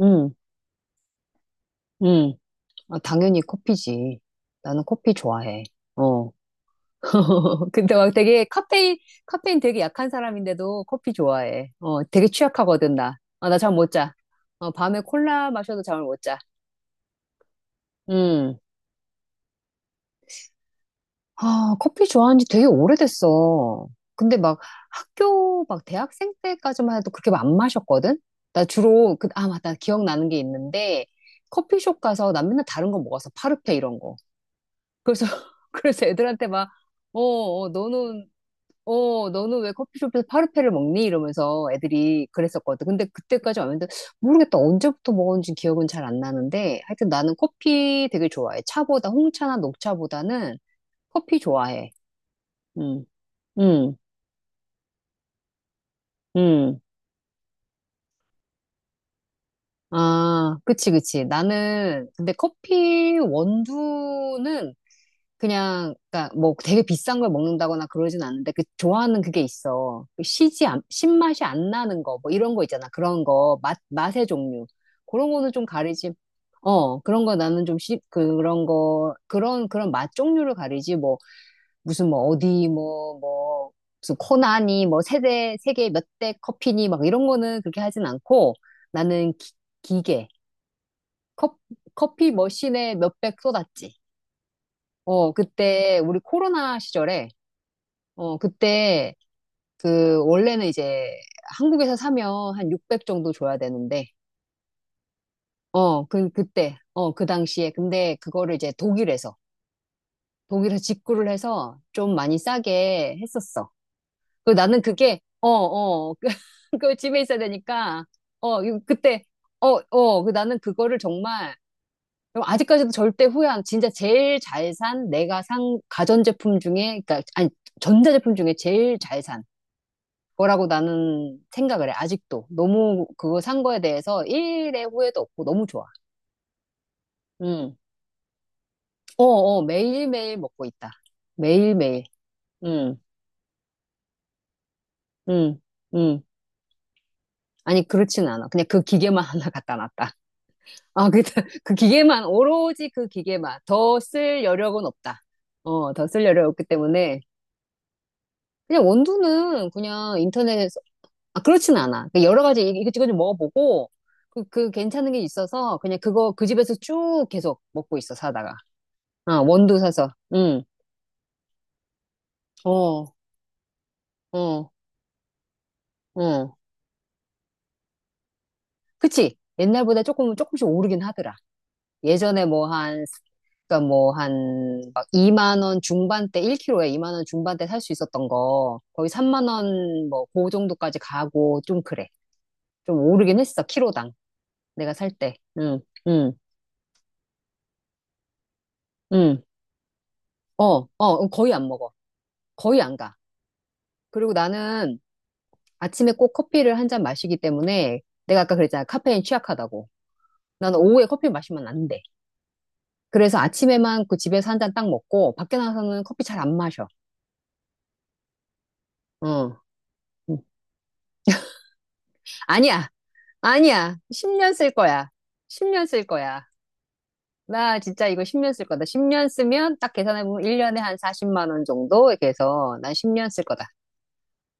응, 응. 아, 당연히 커피지. 나는 커피 좋아해. 어. 근데 막 되게 카페인 되게 약한 사람인데도 커피 좋아해. 어, 되게 취약하거든, 나. 아, 나 잠 못 자. 어, 밤에 콜라 마셔도 잠을 못 자. 음. 아, 커피 좋아한 지 되게 오래됐어. 근데 막 막 대학생 때까지만 해도 그렇게 안 마셨거든? 아, 맞다. 기억나는 게 있는데, 커피숍 가서 난 맨날 다른 거 먹었어. 파르페 이런 거. 그래서, 그래서 애들한테 막, 어, 어, 너는, 너는 왜 커피숍에서 파르페를 먹니? 이러면서 애들이 그랬었거든. 근데 그때까지 왔는데, 모르겠다. 언제부터 먹었는지 기억은 잘 안 나는데, 하여튼 나는 커피 되게 좋아해. 차보다, 홍차나 녹차보다는 커피 좋아해. 음. 음. 음. 아, 그치, 그치. 근데 커피 원두는 그냥 그니까 뭐 되게 비싼 걸 먹는다거나 그러진 않는데 그 좋아하는 그게 있어. 그 시지 안, 신맛이 안 나는 거 뭐 이런 거 있잖아. 그런 거 맛의 종류. 그런 거는 좀 가리지. 어, 그런 거 나는 좀 그런 거 그런 맛 종류를 가리지 뭐 무슨 뭐 어디 뭐 뭐 무슨 코나니 뭐 세대 세계 몇 대 커피니 막 이런 거는 그렇게 하진 않고 나는 기계 컵 커피 머신에 몇 백 쏟았지. 어, 그때 우리 코로나 시절에 어, 그때, 원래는 이제 한국에서 사면 한 600 정도 줘야 되는데, 어, 그때, 어, 그 당시에. 근데 그거를 이제 독일에서 직구를 해서 좀 많이 싸게 했었어. 그 나는 그게, 그, 그 집에 있어야 되니까, 어, 이거 그때, 그 나는 그거를 정말, 아직까지도 절대 후회 안, 진짜 제일 잘 산, 내가 산 가전제품 중에, 그니까, 아니, 전자제품 중에 제일 잘 산. 거라고 나는 생각을 해, 아직도. 너무 그거 산 거에 대해서 일의 후회도 없고 너무 좋아. 음. 어, 어, 매일매일 먹고 있다. 매일매일. 음. 음. 음. 아니, 그렇진 않아. 그냥 그 기계만 하나 갖다 놨다. 아, 그 기계만, 오로지 그 기계만. 더 쓸 여력은 없다. 어, 더 쓸 여력 없기 때문에. 그냥 원두는 그냥 인터넷. 아, 그렇진 않아. 그 여러 가지 이것저것 좀 먹어보고, 그 괜찮은 게 있어서, 그냥 그거, 그 집에서 쭉 계속 먹고 있어, 사다가. 어, 원두 사서. 응. 어. 어. 어. 그치? 옛날보다 조금씩 오르긴 하더라. 예전에 뭐 한, 그니까 뭐 한, 막 2만 원 중반대, 1kg에 2만 원 중반대 살 수 있었던 거, 거의 3만 원, 뭐, 그 정도까지 가고, 좀 그래. 좀 오르긴 했어, 키로당. 내가 살 때. 응. 응. 응. 어, 어, 거의 안 먹어. 거의 안 가. 그리고 나는 아침에 꼭 커피를 한 잔 마시기 때문에 내가 아까 그랬잖아. 카페인 취약하다고. 나는 오후에 커피 마시면 안 돼. 그래서 아침에만 그 집에서 한 잔 딱 먹고 밖에 나가서는 커피 잘 안 마셔. 어. 음. 아니야. 아니야. 10년 쓸 거야. 10년 쓸 거야. 나 진짜 이거 10년 쓸 거다. 10년 쓰면 딱 계산해보면 1년에 한 40만 원 정도 이렇게 해서 난 10년 쓸 거다.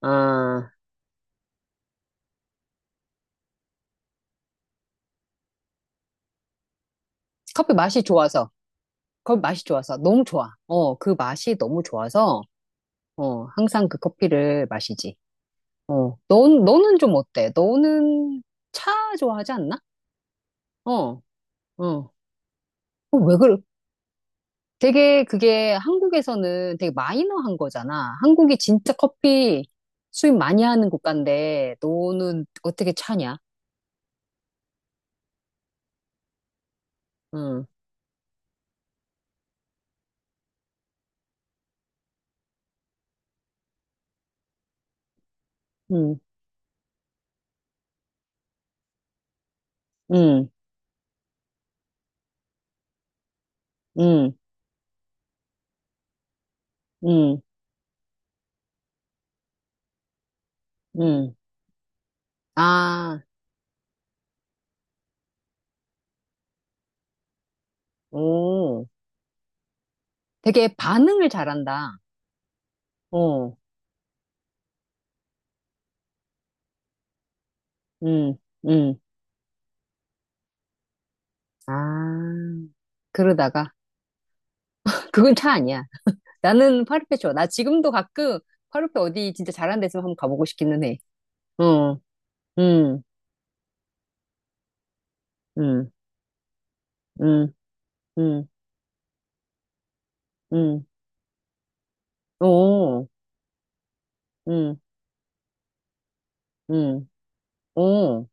아, 커피 맛이 좋아서. 커피 맛이 좋아서. 너무 좋아. 어, 그 맛이 너무 좋아서 항상 그 커피를 마시지. 어, 너는 좀 어때? 너는 차 좋아하지 않나? 어. 어. 어, 왜 그래? 되게 그게 한국에서는 되게 마이너한 거잖아. 한국이 진짜 커피 수입 많이 하는 국가인데, 너는 어떻게 차냐? 응. 응. 응. 응. 응. 응. 아, 오. 되게 반응을 잘한다. 어. 응. 응. 아, 그러다가, 그건 차 아니야. 나는 파르페 좋아. 나 지금도 가끔 파르페 어디 진짜 잘하는 데 있으면 한번 가보고 싶기는 해. 어. 음. 음. 음. 음. 음. 오. 음. 음. 오.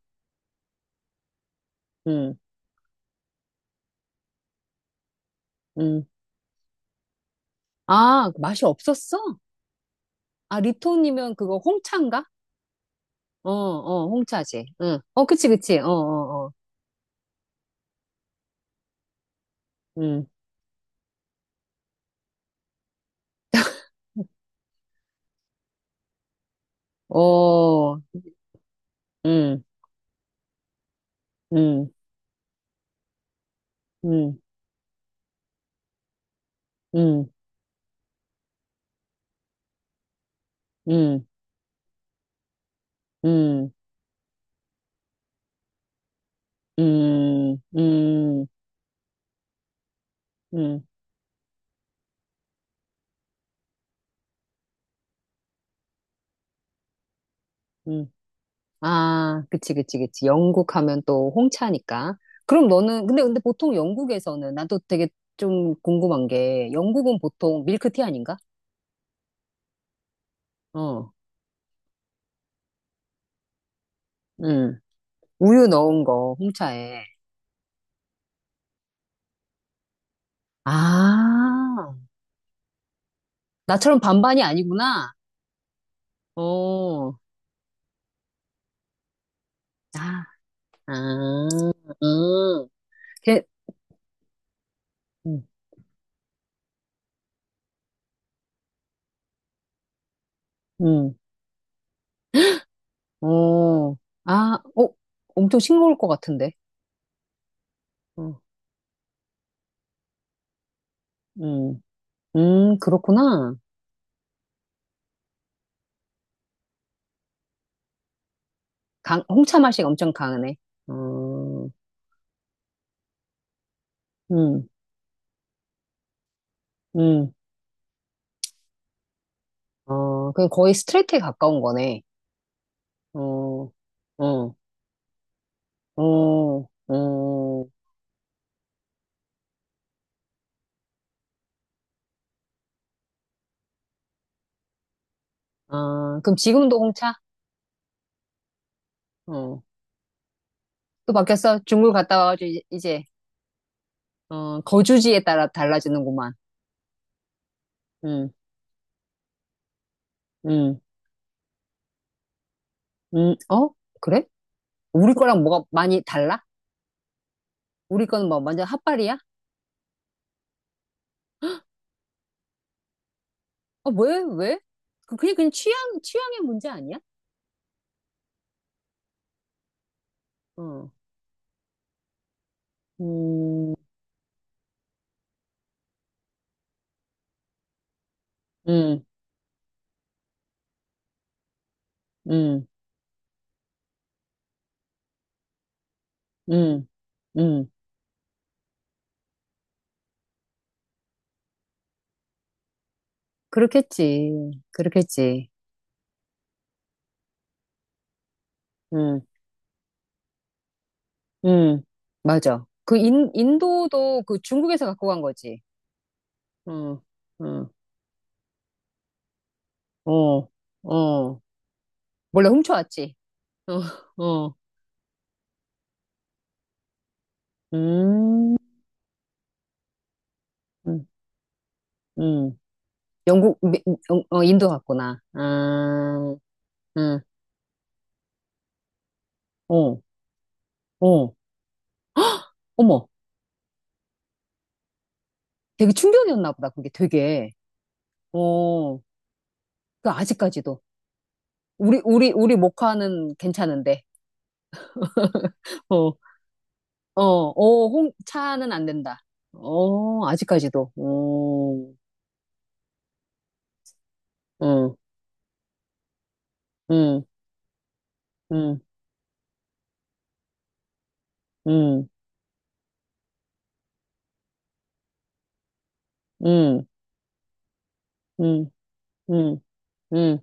음. 음. 아, 맛이 없었어? 아, 리톤이면 그거 홍차인가? 어, 어, 홍차지. 응. 어, 그치, 그치. 어. 어. 어. 음. 어. 음. 음. 음. 음. 음. 음. 음. 음. 음. 음. 아, 그치, 그치, 그치. 영국 하면 또 홍차니까. 그럼 너는, 근데 보통 영국에서는, 나도 되게 좀 궁금한 게, 영국은 보통 밀크티 아닌가? 어, 응. 우유 넣은 거, 홍차에. 아, 나처럼 반반이 아니구나. 어. 아. 아. 음. 걔. 음. 음. 어. 아. 어, 엄청 싱거울 것 같은데. 어. 음. 음. 그렇구나. 홍차 맛이 엄청 강하네. 어. 음. 음. 어, 그럼 거의 스트레이트에 가까운 거네. 어. 어. 어. 어. 아, 그럼 지금도 홍차? 어, 또 바뀌었어? 중국 갔다 와가지고 어, 거주지에 따라 달라지는구만. 음. 음. 음. 어? 그래? 우리 거랑 뭐가 많이 달라? 우리 거는 뭐 완전 핫발이야? 어, 왜? 그냥 취향의 문제 아니야? 어. 음. 음. 음. 음. 음. 그렇겠지. 그렇겠지. 음. 음. 맞아. 그 인도도 그 중국에서 갖고 간 거지. 음. 음. 어. 어. 몰래 훔쳐왔지. 어. 어. 음. 음. 음. 영국, 미- 어, 어, 인도 갔구나. 아. 음. 어. 어. 어머, 되게 충격이었나 보다. 그게 되게. 어, 그 아직까지도. 우리 모카는 괜찮은데. 어, 어, 차는 안 된다. 어, 아직까지도. 오. 응. 응. 응. 응. 응. 응. 응. 응.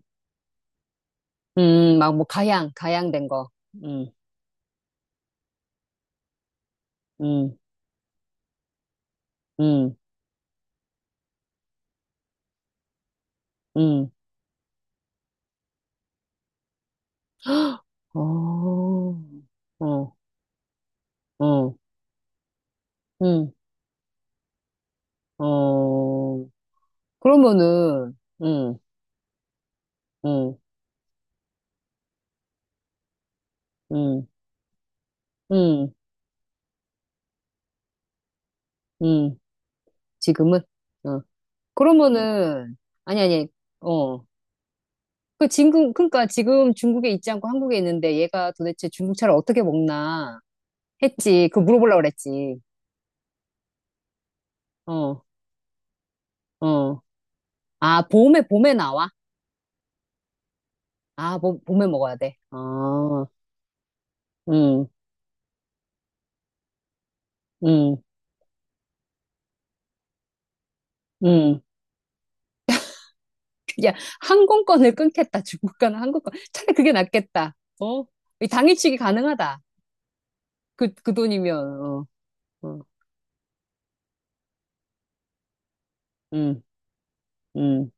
응. 막 뭐 가양된 거. 응. 응. 응. 응. 어. 어. 어. 응. 어. 그러면은, 응. 응. 응. 응. 응. 지금은? 어. 그러면은, 아니, 아니, 어. 그 지금 그러니까 지금 중국에 있지 않고 한국에 있는데 얘가 도대체 중국 차를 어떻게 먹나 했지. 그 물어보려고 그랬지. 어. 어. 아, 봄에 나와? 아, 봄에 먹어야 돼. 어. 음. 음. 음. 야, 항공권을 끊겠다. 중국 가는 항공권. 차라리 그게 낫겠다. 어? 이 당일치기 가능하다. 그 돈이면. 어. 어. 음. 음.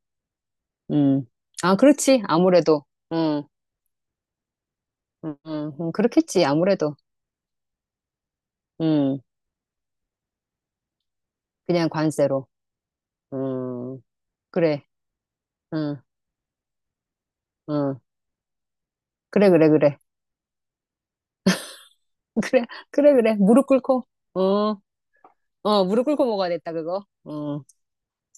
음. 아, 그렇지. 아무래도. 응. 응. 응. 응. 그렇겠지. 아무래도. 음. 그냥 관세로. 음. 그래. 응. 응. 그래, 그래, 그래. 그래, 그래, 그래. 무릎 꿇고. 어, 어, 무릎 꿇고 먹어야 됐다, 그거. 어.